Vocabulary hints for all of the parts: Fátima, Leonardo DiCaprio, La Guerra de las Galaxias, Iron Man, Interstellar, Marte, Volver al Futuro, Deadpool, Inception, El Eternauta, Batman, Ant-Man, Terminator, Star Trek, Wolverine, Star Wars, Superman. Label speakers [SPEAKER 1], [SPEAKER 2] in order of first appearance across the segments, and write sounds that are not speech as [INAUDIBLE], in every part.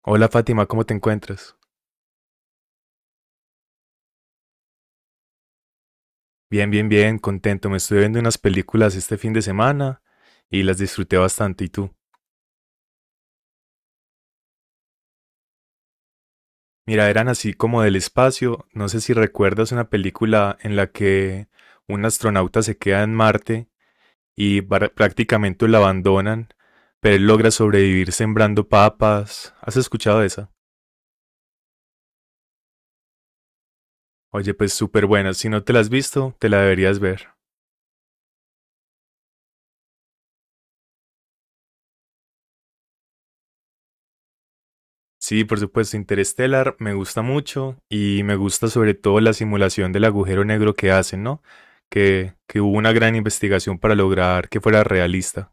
[SPEAKER 1] Hola Fátima, ¿cómo te encuentras? Bien, bien, bien, contento. Me estuve viendo unas películas este fin de semana y las disfruté bastante. ¿Y tú? Mira, eran así como del espacio. No sé si recuerdas una película en la que un astronauta se queda en Marte y prácticamente lo abandonan, pero él logra sobrevivir sembrando papas. ¿Has escuchado esa? Oye, pues súper buena. Si no te la has visto, te la deberías ver. Sí, por supuesto, Interstellar me gusta mucho y me gusta sobre todo la simulación del agujero negro que hacen, ¿no? Que hubo una gran investigación para lograr que fuera realista.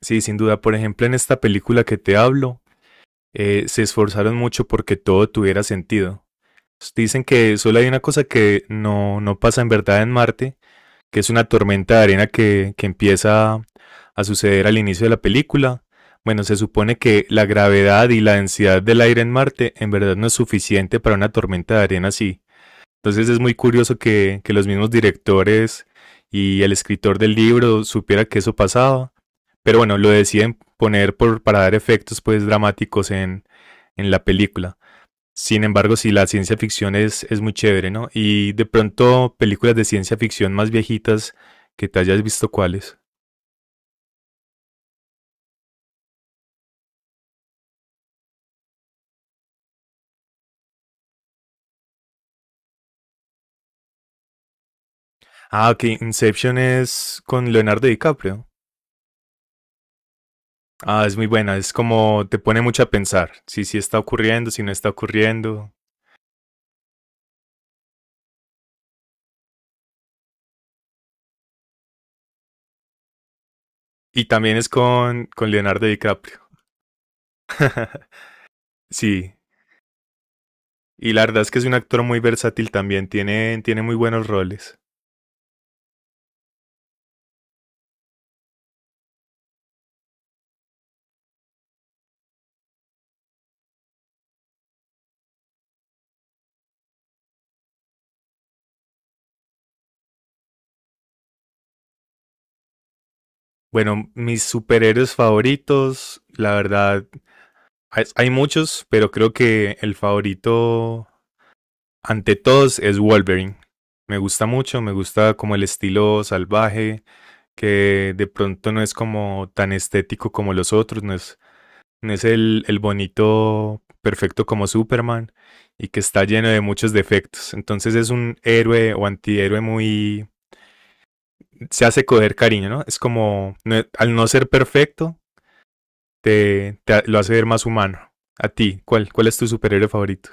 [SPEAKER 1] Sí, sin duda, por ejemplo, en esta película que te hablo, se esforzaron mucho porque todo tuviera sentido. Dicen que solo hay una cosa que no pasa en verdad en Marte, que es una tormenta de arena que empieza a suceder al inicio de la película. Bueno, se supone que la gravedad y la densidad del aire en Marte en verdad no es suficiente para una tormenta de arena así. Entonces es muy curioso que los mismos directores y el escritor del libro supiera que eso pasaba. Pero bueno, lo deciden poner para dar efectos pues dramáticos en la película. Sin embargo, sí, la ciencia ficción es muy chévere, ¿no? Y de pronto, películas de ciencia ficción más viejitas que te hayas visto cuáles. Ah, ok, Inception es con Leonardo DiCaprio. Ah, es muy buena, es como te pone mucho a pensar, si sí está ocurriendo, si no está ocurriendo. Y también es con Leonardo DiCaprio. [LAUGHS] Sí, y la verdad es que es un actor muy versátil también, tiene muy buenos roles. Bueno, mis superhéroes favoritos, la verdad, hay muchos, pero creo que el favorito ante todos es Wolverine. Me gusta mucho, me gusta como el estilo salvaje, que de pronto no es como tan estético como los otros, no es el bonito perfecto como Superman y que está lleno de muchos defectos. Entonces es un héroe o antihéroe muy se hace coger cariño, ¿no? Es como, no, al no ser perfecto, lo hace ver más humano. A ti, ¿ cuál es tu superhéroe favorito?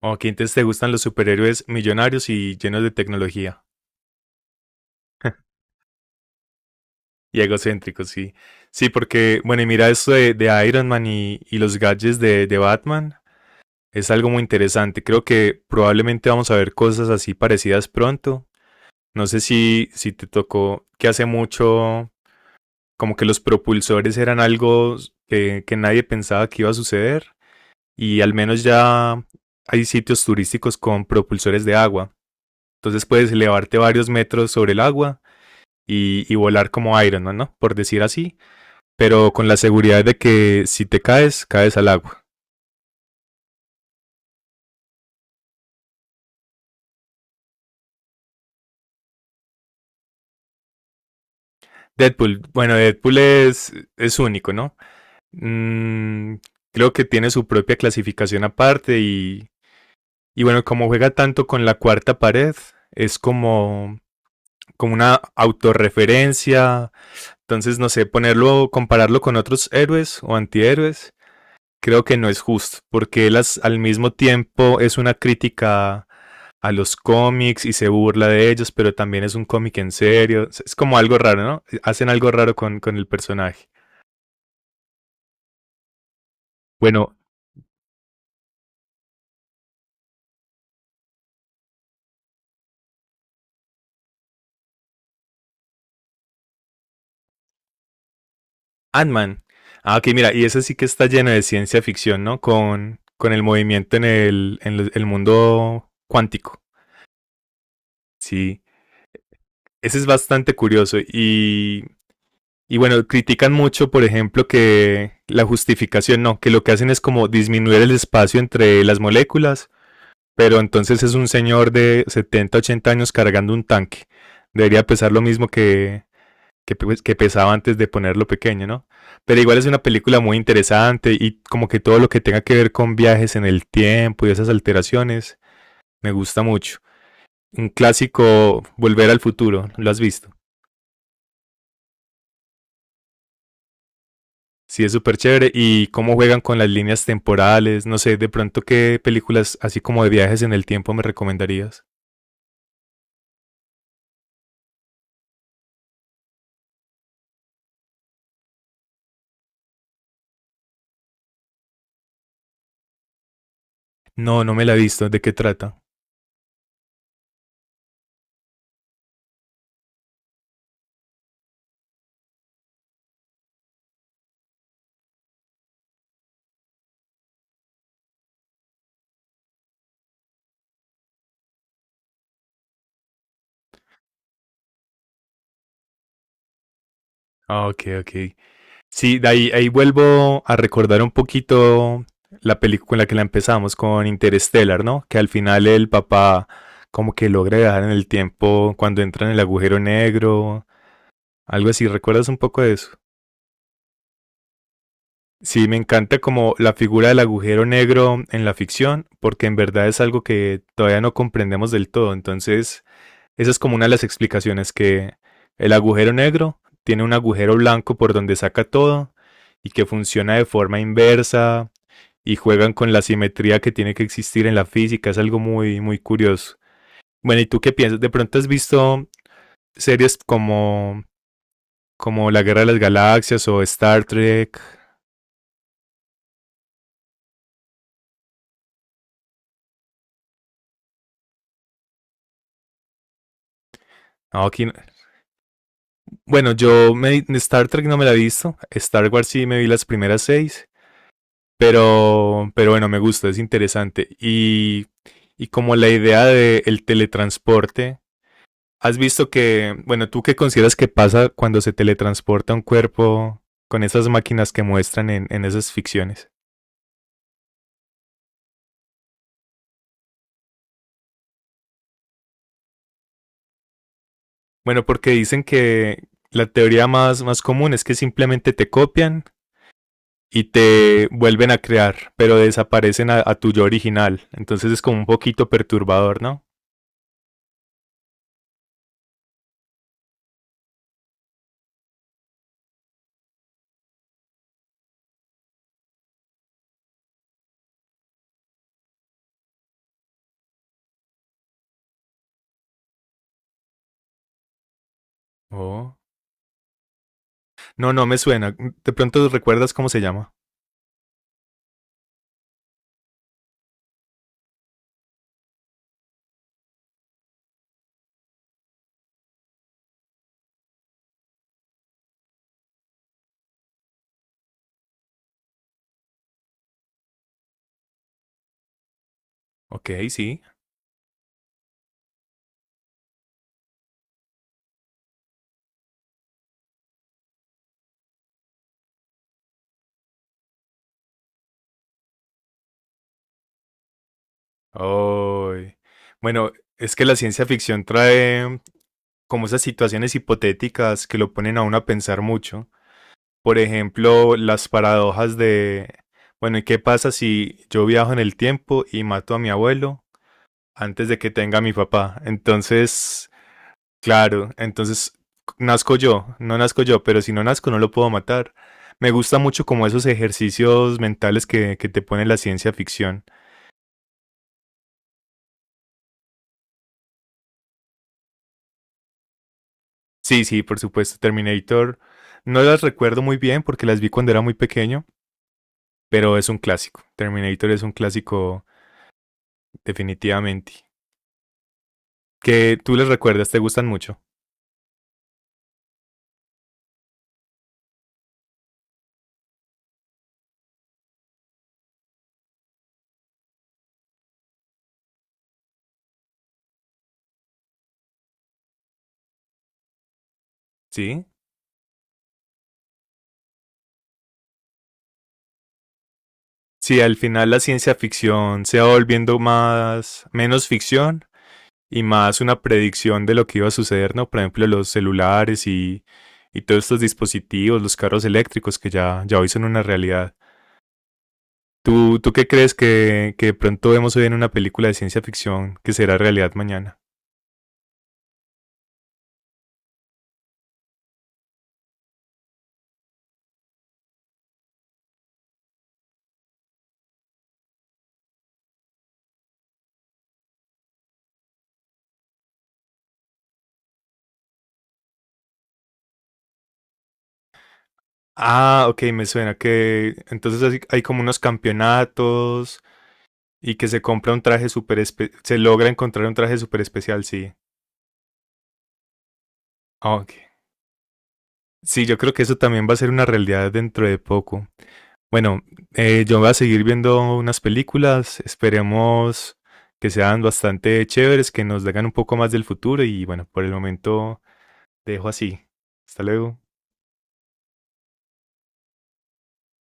[SPEAKER 1] Ok, entonces te gustan los superhéroes millonarios y llenos de tecnología. [LAUGHS] Y egocéntricos, sí. Sí, porque, bueno, y mira esto de Iron Man y los gadgets de Batman. Es algo muy interesante. Creo que probablemente vamos a ver cosas así parecidas pronto. No sé si te tocó que hace mucho como que los propulsores eran algo que nadie pensaba que iba a suceder y al menos ya hay sitios turísticos con propulsores de agua. Entonces puedes elevarte varios metros sobre el agua y volar como Iron Man, ¿no? Por decir así, pero con la seguridad de que si te caes, caes al agua. Deadpool, bueno, Deadpool es único, ¿no? Mm, creo que tiene su propia clasificación aparte y bueno, como juega tanto con la cuarta pared, es como, como una autorreferencia, entonces no sé, ponerlo, compararlo con otros héroes o antihéroes creo que no es justo, porque él al mismo tiempo es una crítica a los cómics y se burla de ellos, pero también es un cómic en serio. Es como algo raro, ¿no? Hacen algo raro con el personaje. Bueno, Ant-Man. Ah, ok, mira, y ese sí que está lleno de ciencia ficción, ¿no? Con el movimiento en el mundo cuántico. Sí, ese es bastante curioso y bueno, critican mucho, por ejemplo, que la justificación no, que lo que hacen es como disminuir el espacio entre las moléculas, pero entonces es un señor de 70, 80 años cargando un tanque. Debería pesar lo mismo pues, que pesaba antes de ponerlo pequeño, ¿no? Pero igual es una película muy interesante y como que todo lo que tenga que ver con viajes en el tiempo y esas alteraciones, me gusta mucho. Un clásico, Volver al Futuro, ¿lo has visto? Sí, es súper chévere. ¿Y cómo juegan con las líneas temporales? No sé, de pronto, ¿qué películas así como de viajes en el tiempo me recomendarías? No, no me la he visto. ¿De qué trata? Ah, ok, ok. Sí, de ahí, ahí vuelvo a recordar un poquito la película con la que la empezamos, con Interstellar, ¿no? Que al final el papá como que logra viajar en el tiempo cuando entra en el agujero negro, algo así. ¿Recuerdas un poco de eso? Sí, me encanta como la figura del agujero negro en la ficción, porque en verdad es algo que todavía no comprendemos del todo. Entonces, esa es como una de las explicaciones que el agujero negro tiene un agujero blanco por donde saca todo y que funciona de forma inversa y juegan con la simetría que tiene que existir en la física. Es algo muy, muy curioso. Bueno, ¿y tú qué piensas? ¿De pronto has visto series como, como La Guerra de las Galaxias o Star Trek? No, aquí, no, bueno, yo me, Star Trek no me la he visto, Star Wars sí me vi las primeras seis, pero bueno, me gusta, es interesante. Y como la idea del teletransporte, ¿has visto que, bueno, tú qué consideras que pasa cuando se teletransporta un cuerpo con esas máquinas que muestran en esas ficciones? Bueno, porque dicen que la teoría más común es que simplemente te copian y te vuelven a crear, pero desaparecen a tu yo original. Entonces es como un poquito perturbador, ¿no? Oh. No, no me suena. De pronto recuerdas cómo se llama. Ok, sí. Oh. Bueno, es que la ciencia ficción trae como esas situaciones hipotéticas que lo ponen a uno a pensar mucho. Por ejemplo, las paradojas de, bueno, ¿y qué pasa si yo viajo en el tiempo y mato a mi abuelo antes de que tenga a mi papá? Entonces, claro, entonces nazco yo, no nazco yo, pero si no nazco no lo puedo matar. Me gusta mucho como esos ejercicios mentales que te pone la ciencia ficción. Sí, sí, por supuesto, Terminator. No las recuerdo muy bien porque las vi cuando era muy pequeño, pero es un clásico. Terminator es un clásico definitivamente. Que tú les recuerdas, te gustan mucho, ¿sí? Sí. Al final la ciencia ficción se va volviendo más, menos ficción y más una predicción de lo que iba a suceder, ¿no? Por ejemplo, los celulares y todos estos dispositivos, los carros eléctricos que ya, ya hoy son una realidad. ¿ tú qué crees que de pronto vemos hoy en una película de ciencia ficción que será realidad mañana? Ah, ok, me suena que entonces hay como unos campeonatos y que se compra un traje súper especial, se logra encontrar un traje súper especial, sí. Ah, ok. Sí, yo creo que eso también va a ser una realidad dentro de poco. Bueno, yo voy a seguir viendo unas películas, esperemos que sean bastante chéveres, que nos digan un poco más del futuro y bueno, por el momento te dejo así. Hasta luego.